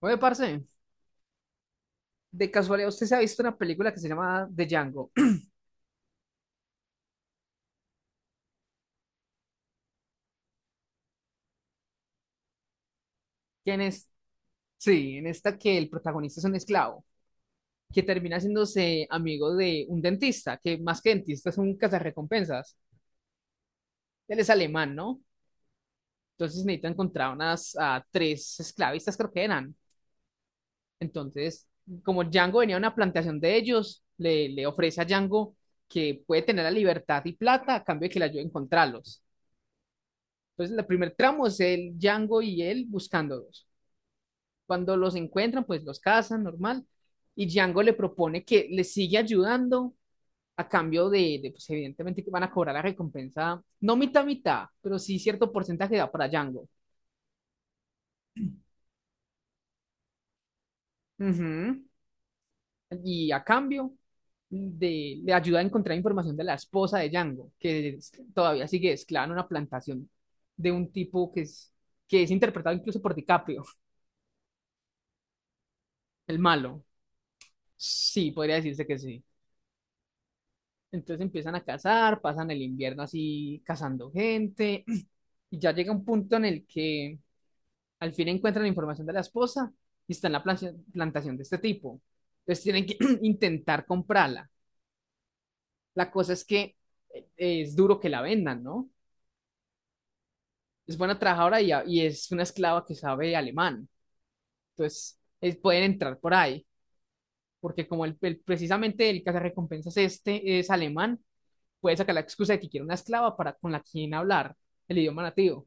Oye, parce, de casualidad, ¿usted se ha visto una película que se llama The Django? ¿Quién es? Sí, en esta que el protagonista es un esclavo, que termina haciéndose amigo de un dentista, que más que dentista es un cazarrecompensas. Él es alemán, ¿no? Entonces necesita encontrar unas tres esclavistas, creo que eran. Entonces, como Django venía a una plantación de ellos, le ofrece a Django que puede tener la libertad y plata a cambio de que le ayude a encontrarlos. Entonces, el primer tramo es el Django y él buscándolos. Cuando los encuentran, pues los cazan, normal. Y Django le propone que le sigue ayudando a cambio de, pues evidentemente que van a cobrar la recompensa, no mitad mitad, pero sí cierto porcentaje da para Django. Ujú. Y a cambio de, le ayuda a encontrar información de la esposa de Django, todavía sigue esclava en una plantación de un tipo que es interpretado incluso por DiCaprio, el malo. Sí, podría decirse que sí. Entonces empiezan a cazar, pasan el invierno así cazando gente y ya llega un punto en el que al fin encuentran la información de la esposa y está en la plantación de este tipo. Entonces tienen que intentar comprarla. La cosa es que es duro que la vendan, ¿no? Es buena trabajadora y es una esclava que sabe alemán. Entonces pueden entrar por ahí, porque como precisamente el cazarrecompensas este es alemán, puede sacar la excusa de que quiere una esclava para con la quien hablar el idioma nativo.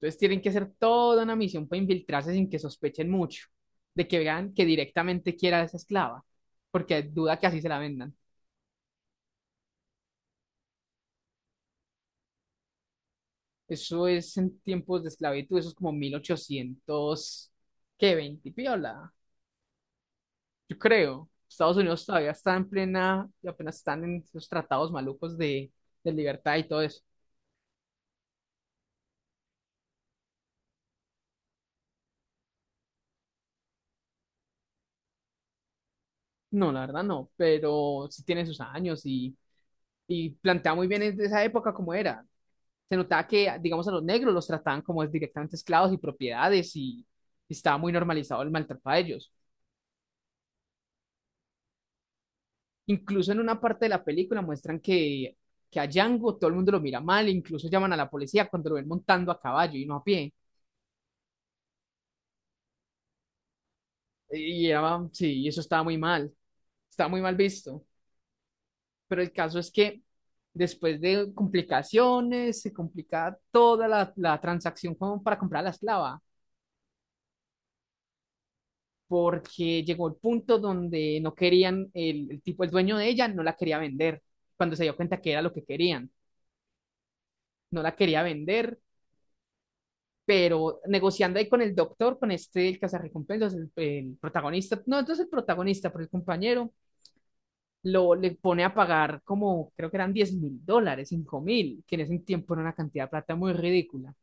Entonces tienen que hacer toda una misión para infiltrarse sin que sospechen mucho, de que vean que directamente quiera a esa esclava, porque duda que así se la vendan. Eso es en tiempos de esclavitud, eso es como 1800 ¿qué? 20 piola, yo creo. Estados Unidos todavía está en plena, y apenas están en esos tratados malucos de libertad y todo eso. No, la verdad no, pero sí tiene sus años y plantea muy bien esa época como era. Se notaba que, digamos, a los negros los trataban como directamente esclavos y propiedades y estaba muy normalizado el maltrato a ellos. Incluso en una parte de la película muestran que a Django todo el mundo lo mira mal, incluso llaman a la policía cuando lo ven montando a caballo y no a pie. Y era, sí, eso estaba muy mal visto. Pero el caso es que después de complicaciones, se complicaba toda la transacción como para comprar a la esclava porque llegó el punto donde no querían, el tipo, el dueño de ella, no la quería vender, cuando se dio cuenta que era lo que querían, no la quería vender, pero negociando ahí con el doctor, con este, el cazarrecompensas, el protagonista, no, entonces el protagonista, pero el compañero, le pone a pagar como, creo que eran $10,000, 5,000, que en ese tiempo era una cantidad de plata muy ridícula.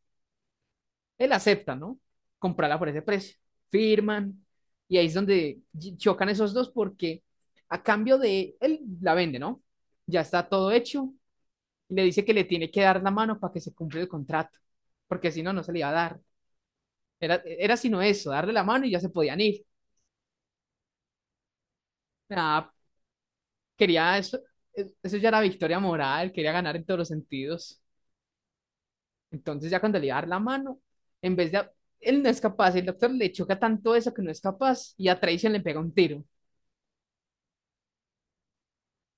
Él acepta, ¿no? Comprarla por ese precio. Firman. Y ahí es donde chocan esos dos porque a cambio de él la vende, ¿no? Ya está todo hecho. Y le dice que le tiene que dar la mano para que se cumpla el contrato. Porque si no, no se le iba a dar. Era sino eso, darle la mano y ya se podían ir. Nada, quería eso. Eso ya era victoria moral, quería ganar en todos los sentidos. Entonces ya cuando le iba a dar la mano, en vez de él no es capaz, el doctor le choca tanto eso que no es capaz y a traición le pega un tiro.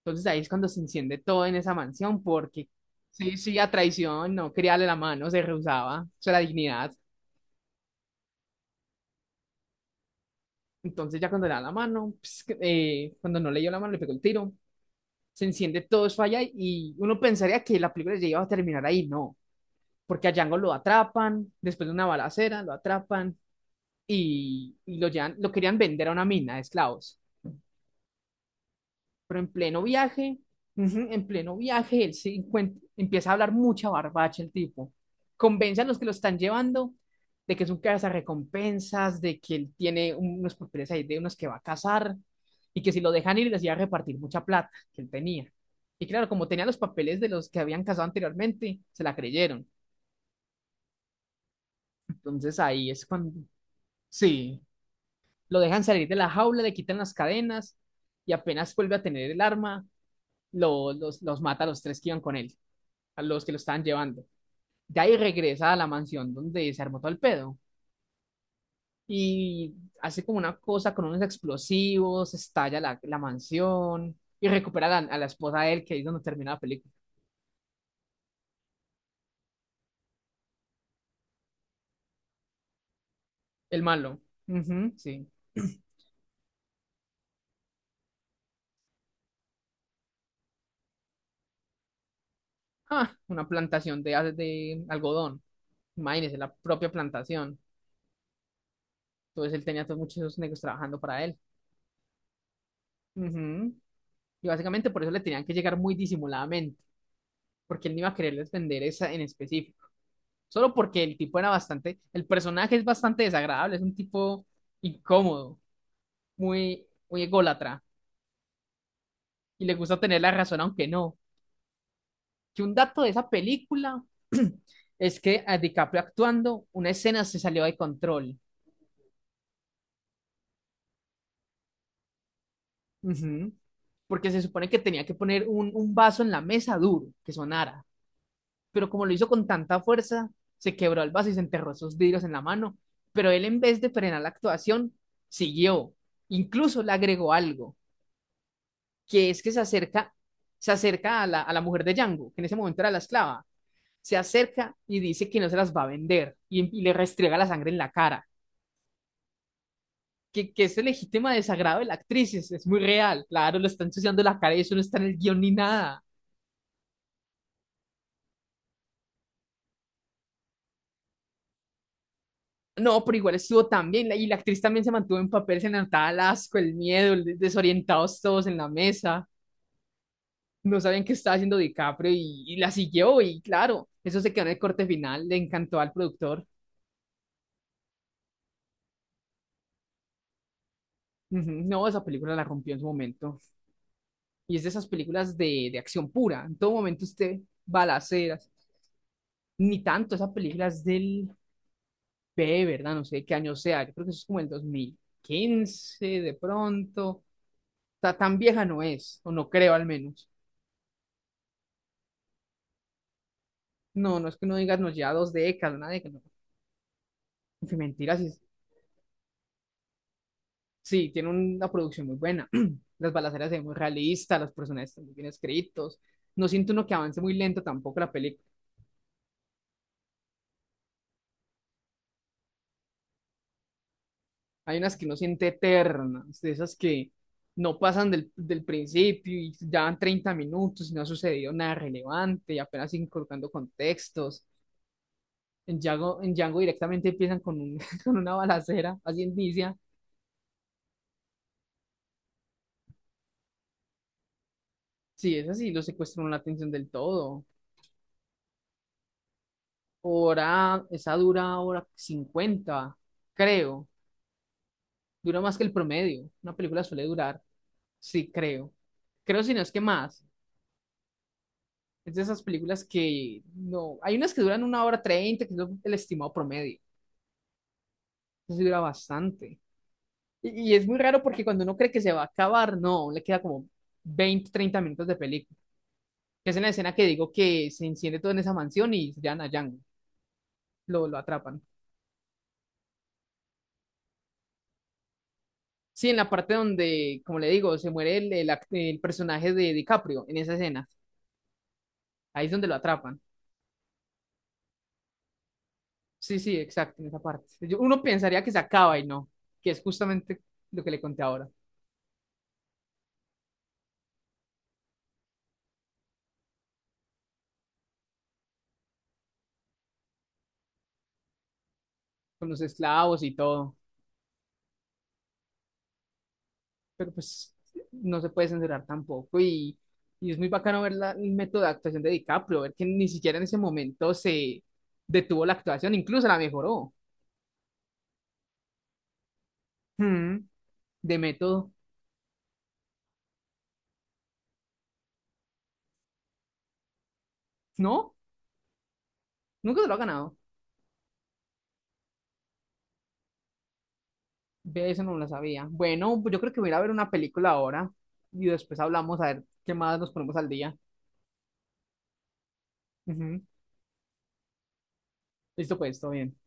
Entonces ahí es cuando se enciende todo en esa mansión, porque sí, sí, a traición, no quería darle la mano, se rehusaba, o sea, la dignidad. Entonces ya cuando le da la mano, pues, cuando no le dio la mano, le pegó el tiro, se enciende todo eso allá y uno pensaría que la película ya iba a terminar ahí, no, porque a Django lo atrapan, después de una balacera, lo atrapan y lo llevan, lo querían vender a una mina de esclavos. Pero en pleno viaje, ujú, en pleno viaje, empieza a hablar mucha barbacha el tipo. Convence a los que lo están llevando de que es un recompensas, de que él tiene unos papeles ahí de unos que va a casar y que si lo dejan ir les iba a repartir mucha plata que él tenía. Y claro, como tenía los papeles de los que habían casado anteriormente, se la creyeron. Entonces ahí es cuando, sí, lo dejan salir de la jaula, le quitan las cadenas y apenas vuelve a tener el arma, los mata a los tres que iban con él, a los que lo estaban llevando. De ahí regresa a la mansión donde se armó todo el pedo y hace como una cosa con unos explosivos, estalla la mansión y recupera a la esposa de él, que ahí es donde termina la película. El malo. Ujú, sí. Ah, una plantación de algodón. Imagínense, la propia plantación. Entonces él tenía todos muchos negros trabajando para él. Ujú. Y básicamente por eso le tenían que llegar muy disimuladamente, porque él no iba a quererles vender esa en específico. Solo porque el tipo era bastante, el personaje es bastante desagradable, es un tipo incómodo, muy, muy ególatra y le gusta tener la razón aunque no. Que un dato de esa película es que a DiCaprio actuando, una escena se salió de control. Ujú. Porque se supone que tenía que poner un vaso en la mesa duro, que sonara. Pero como lo hizo con tanta fuerza, se quebró el vaso y se enterró esos vidrios en la mano. Pero él en vez de frenar la actuación, siguió. Incluso le agregó algo que es que se acerca a la mujer de Django, que en ese momento era la esclava, se acerca y dice que no se las va a vender y le restriega la sangre en la cara. Que ese legítimo desagrado de la actriz es muy real, claro, le está ensuciando la cara y eso no está en el guión ni nada. No, pero igual estuvo también, y la actriz también se mantuvo en papel, se notaba el asco, el miedo, desorientados todos en la mesa, no sabían qué estaba haciendo DiCaprio y la siguió, y claro, eso se quedó en el corte final, le encantó al productor. Ujú, no, esa película la rompió en su momento. Y es de esas películas de acción pura. En todo momento usted balaceras. Ni tanto, esa película es del P, ¿verdad? No sé qué año sea. Yo creo que eso es como el 2015, de pronto. Tan vieja no es, o no creo al menos. No, no es que no digas, nos lleva 2 décadas, una década. No. Qué mentira, sí, sí, tiene una producción muy buena. Las balaceras se ven muy realistas, los personajes están muy bien escritos. No siento uno que avance muy lento tampoco la película. Hay unas que uno siente eternas, de esas que no pasan del principio y ya van 30 minutos y no ha sucedido nada relevante y apenas siguen colocando contextos. En Django directamente empiezan con una balacera, así inicia. Sí, es así. Lo secuestran la atención del todo. Esa dura 1 hora 50, creo. Dura más que el promedio. Una película suele durar, sí, creo. Creo si no es que más. Es de esas películas que no. Hay unas que duran 1 hora 30, que es el estimado promedio. Eso sí dura bastante. Y es muy raro porque cuando uno cree que se va a acabar, no, le queda como 20, 30 minutos de película. Que es en la escena que digo que se enciende todo en esa mansión y se llevan a Django. Lo atrapan. Sí, en la parte donde, como le digo, se muere el personaje de DiCaprio, en esa escena. Ahí es donde lo atrapan. Sí, sí, exacto, en esa parte. Uno pensaría que se acaba y no, que es justamente lo que le conté ahora, con los esclavos y todo. Pero pues no se puede censurar tampoco y es muy bacano ver el método de actuación de DiCaprio, ver que ni siquiera en ese momento se detuvo la actuación, incluso la mejoró. Mm, de método. ¿No? Nunca se lo ha ganado. Ve, eso no lo sabía. Bueno, pues yo creo que voy a ir a ver una película ahora y después hablamos a ver qué más nos ponemos al día. Ujú. Listo, pues, todo bien.